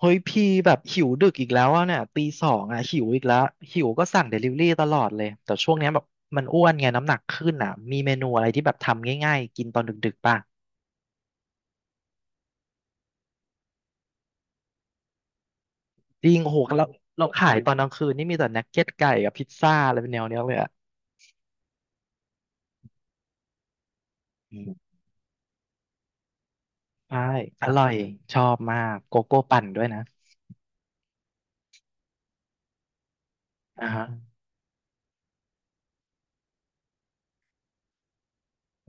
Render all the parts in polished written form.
เฮ้ยพี่แบบหิวดึกอีกแล้วอะเนี่ยตีสองอะหิวอีกแล้วหิวก็สั่งเดลิเวอรี่ตลอดเลยแต่ช่วงเนี้ยแบบมันอ้วนไงน้ำหนักขึ้นอะมีเมนูอะไรที่แบบทำง่ายๆกินตอนดึกๆป่ะจริงโอ้โหเราขายตอนกลางคืนนี่มีแต่นักเก็ตไก่กับพิซซ่าอะไรเป็นแนวเนี้ยเลยอะอืมใช่อร่อยชอบมากโกโก้ปั่นด้วยนะอ่าฮะ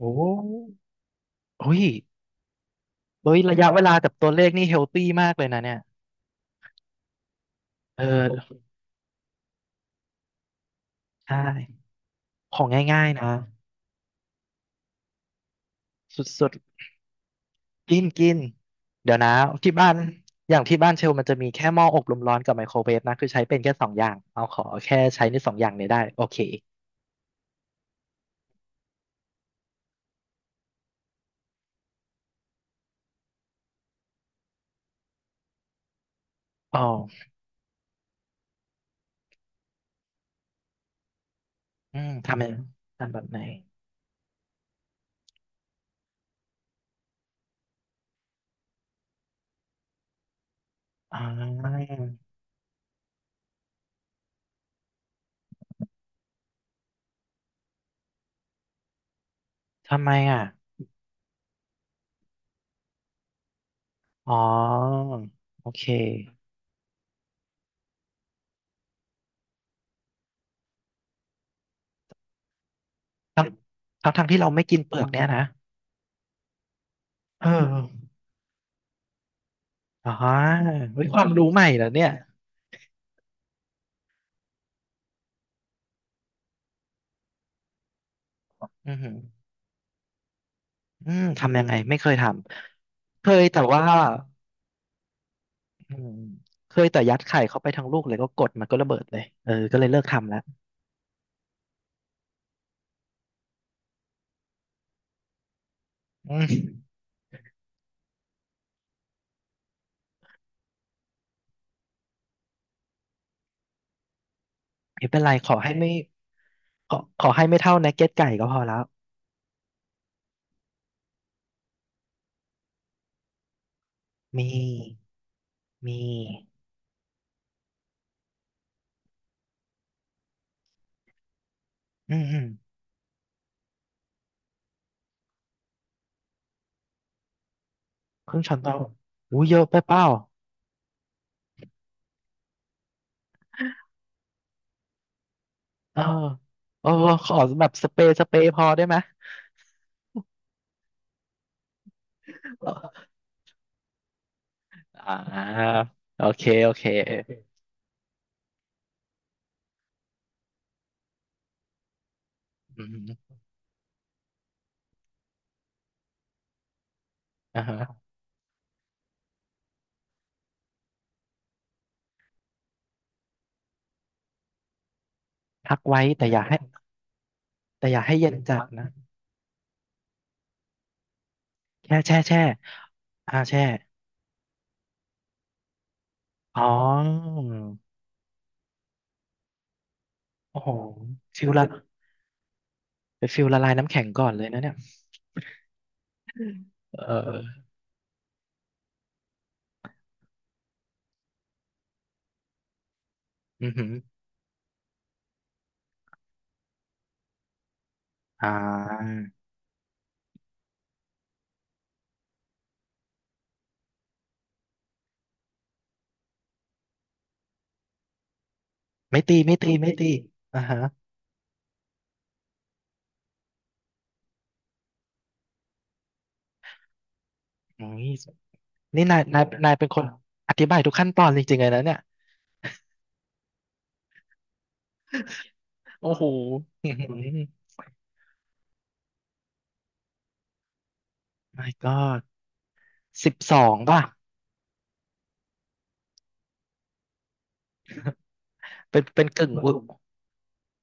โอ้โอ้ยเฮ้ยระยะเวลากับตัวเลขนี่เฮลตี้มากเลยนะเนี่ยเออใช่ของง่ายๆนะสุด กินกินเดี๋ยวนะที่บ้านอย่างที่บ้านเชลมันจะมีแค่หม้ออบลมร้อนกับไมโครเวฟนะคือใช้เป็นแค่สองอย่างเอาขอแค่ใช้ในสองอย่างนี้ได้โอเคอ๋ออืมทำไมทำแบบไหนอ๋อทำไมอ่ะอ๋อโอเคทั้งทั้งที่เราไม่กินเปลือกเนี่ยนะเอออ๋อเฮ้ยความรู้ใหม่เหรอเนี่ยอือหืออืมทำยังไงไม่เคยทำอืมเคยแต่ยัดไข่เข้าไปทั้งลูกเลยก็กดมันก็ระเบิดเลยเออก็เลยเลิกทำแล้วอืมไม่เป็นไรขอให้ไม่เท่านักเก็ตไก่ก็พอแล้วมีมีอืมอืมครึ่งช้อนโต๊ะอู้เยอะไปเปล่าเออเออขอแบบสเปรย์สเปรย์พอได้ไหมเอออ่าโอเคโอเคอืมอ่าฮะพักไว้แต่อย่าให้แต่อย่าให้เย็นจัดนะแช่แช่แช่อ่าแช่อ๋อ โอ้โหฟิลละไปฟิลละลายน้ำแข็งก่อนเลยนะเนี่ยเอออือหืออ่าไม่ตีไม่ตีไม่ตีอ่าฮะโอ้ยนี่นายเป็นคนอธิบายทุกขั้นตอนจริงๆเลยนะเนี่ยโอ้โหอื้อหือ My God 12ป่ะเป็นกึ่งอุ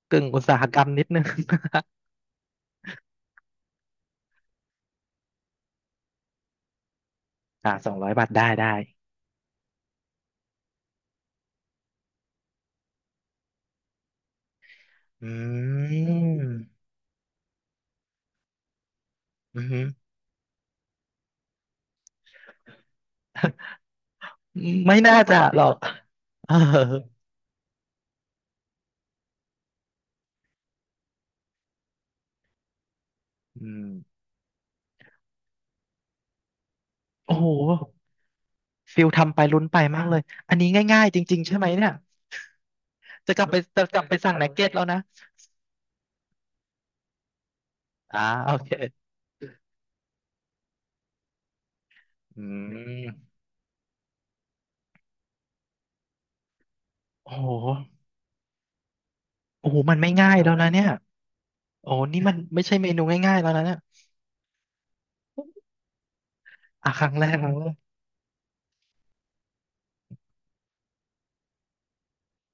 กึ่งอุตสาหกรรมนิดนึง อ่า200บาทได้ได้อืมอือหือไม่น่าจะหรอก เอออืมโอ้โห ฟิลทำไปลุ้นไปมากเลยอันนี้ง่ายๆจริงๆใช่ไหมเนี่ย จะกลับไป จะกลับไปสั่งนักเก็ตแล้วนะอ่าโอเคอืมโอ้โหโอ้โหมันไม่ง่ายแล้วนะเนี่ยโอ้โหนี่มันไม่ใช่เมนูง่ายๆแล้วนะเนี่ยอ่ะครั้งแรกครั้งแรก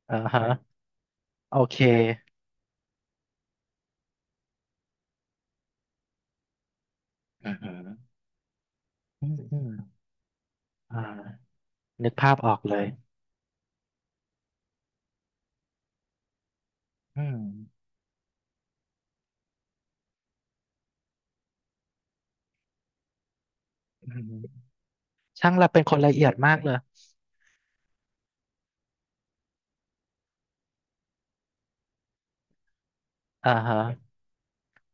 อ่าฮะโอเคอ่าฮะอืมอืมอ่านึกภาพออกเลยอืมอืมช่างเราเป็นคนละเอียดมากเลยอ่าฮะ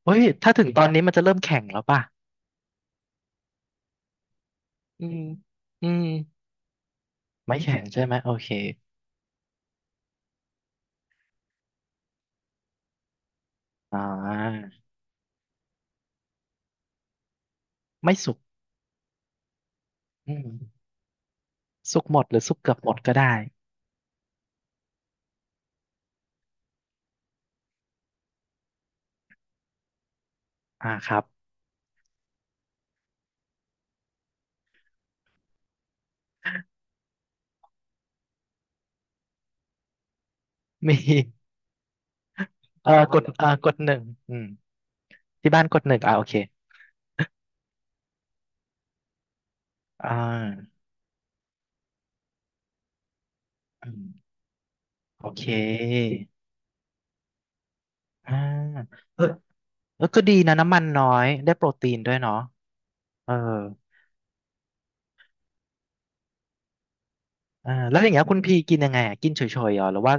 เฮ้ยถ้าถึงตอนนี้มันจะเริ่มแข็งแล้วป่ะอืมอืมไม่แข็งใช่ไหมโอเคอ่า ไม่สุกอืมสุกหมดหรือสุกเกือบหมดก็ได้อ่าครับ มีเอ่อกดเอ่อกดหนึ่งอืมที่บ้านกดหนึ่งอ่าโอเคอ่าอืมโอเคอ่าเออเออก็ดีนะน้ำมันน้อยได้โปรตีนด้วยเนาะเอออ่าแล้วอย่างเงี้ยคุณพี่กินยังไงอะกินเฉยๆเหรอหรือว่า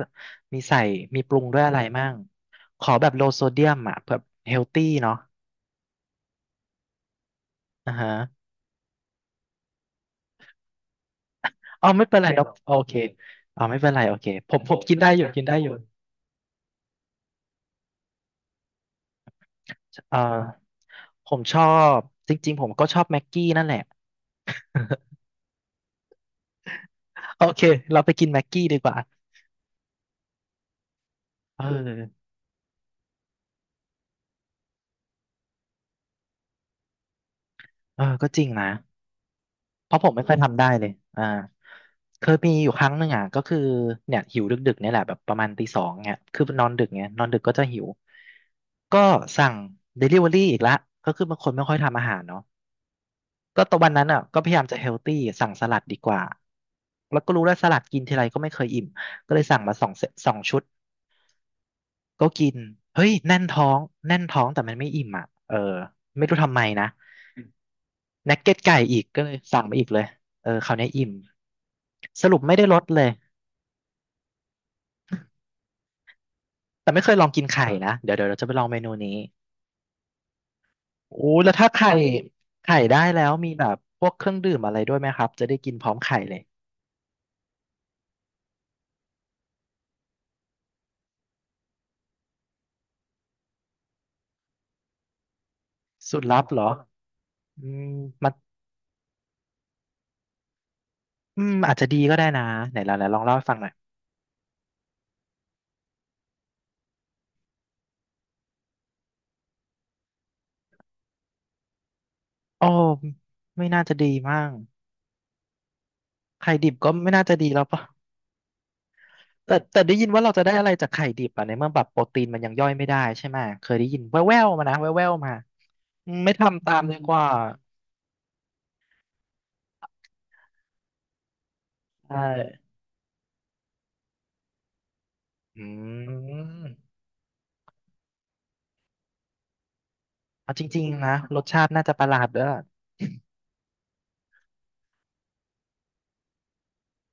มีใส่มีปรุงด้วยอะไรมั่งขอแบบโลโซเดียมอ่ะแบบเฮลตี้เนาะอ่าฮะเอาไม่เป็นไรเนาะโอเคอ๋อาไม่เป็นไรโอเคผมกินได้อยู่กินได้อยู่ อ่าผมชอบจริงๆผมก็ชอบแม็กกี้นั่นแหละ โอเคเราไปกินแม็กกี้ดีกว่าเออเออก็จริงนะเพราะผมไม่ค่อยทำได้เลยอ่าเคยมีอยู่ครั้งหนึ่งอ่ะก็คือเนี่ยหิวดึกๆเนี่ยแหละแบบประมาณตีสองเนี่ยคือนอนดึกเนี่ยนอนดึกก็จะหิวก็สั่งเดลิเวอรี่อีกละก็คือบางคนไม่ค่อยทำอาหารเนาะก็ตอนวันนั้นอ่ะก็พยายามจะเฮลตี้สั่งสลัดดีกว่าแล้วก็รู้แล้วสลัดกินทีไรก็ไม่เคยอิ่มก็เลยสั่งมา2 เซต2 ชุด ก็กินเฮ้ยแน่นท้องแน่นท้องแต่มันไม่อิ่มอ่ะเออไม่รู้ทำไมนะนักเก็ตไก่อีกก็เลยสั่งมาอีกเลยเออคราวนี้อิ่มสรุปไม่ได้ลดเลยแต่ไม่เคยลองกินไข่นะเดี๋ยวเราจะไปลองเมนูนี้โอ้แล้วถ้าไข่ได้แล้วมีแบบพวกเครื่องดื่มอะไรด้วยไหมครับจะได้กินพร้อมไข่เลยสูตรลับเหรออืมมันอืมอาจจะดีก็ได้นะไหนลองเล่าให้ฟังหน่อยโอ้ไม่น่าจะดีมากไข่ดิบก็ไม่น่าจะดีแล้วปะ แต่แต่ได้ยินว่าเราจะได้อะไรจากไข่ดิบอ่ะในเมื่อแบบโปรตีนมันยังย่อยไม่ได้ใช่ไหมเคยได้ยินแว่วๆมานะแว่วๆมาอืมไม่ทำตามดีกว่าใช่อืมเอาจริงๆนะรสชาติน่าจะประหลาดด้วย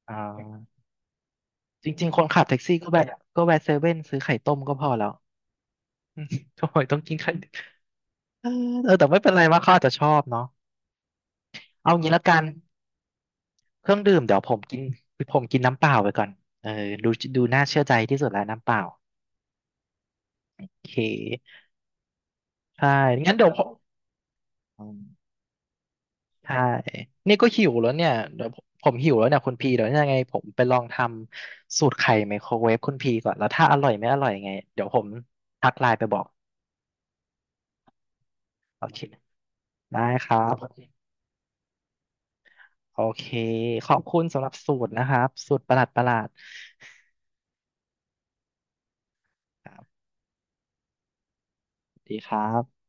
อ่าจริงๆคนขับแท็กซี่ก็แวะเซเว่นซื้อไข่ต้มก็พอแล้วโอ้ยต้องกินไข่ดิบเออเออแต่ไม่เป็นไรว่าเขาอาจจะชอบเนาะเอางี้ละกันเครื่องดื่มเดี๋ยวผมกินน้ำเปล่าไปก่อนเออดูดูน่าเชื่อใจที่สุดแล้วน้ำเปล่าโอเคใช่งั้นเดี๋ยวผม อืมใช่นี่ก็หิวแล้วเนี่ยเดี๋ยวผมหิวแล้วเนี่ยคุณพีเดี๋ยวยังไงผมไปลองทำสูตรไข่ไมโครเวฟคุณพีก่อน แล้วถ้าอร่อยไม่อร่อยยังไงเดี๋ยวผมทักไลน์ไปบอกโอเคได้ครับ โอเคขอบคุณสำหรับสูตรนะครับ สูตรประหลาดประหลาดครับสวัสดีครับ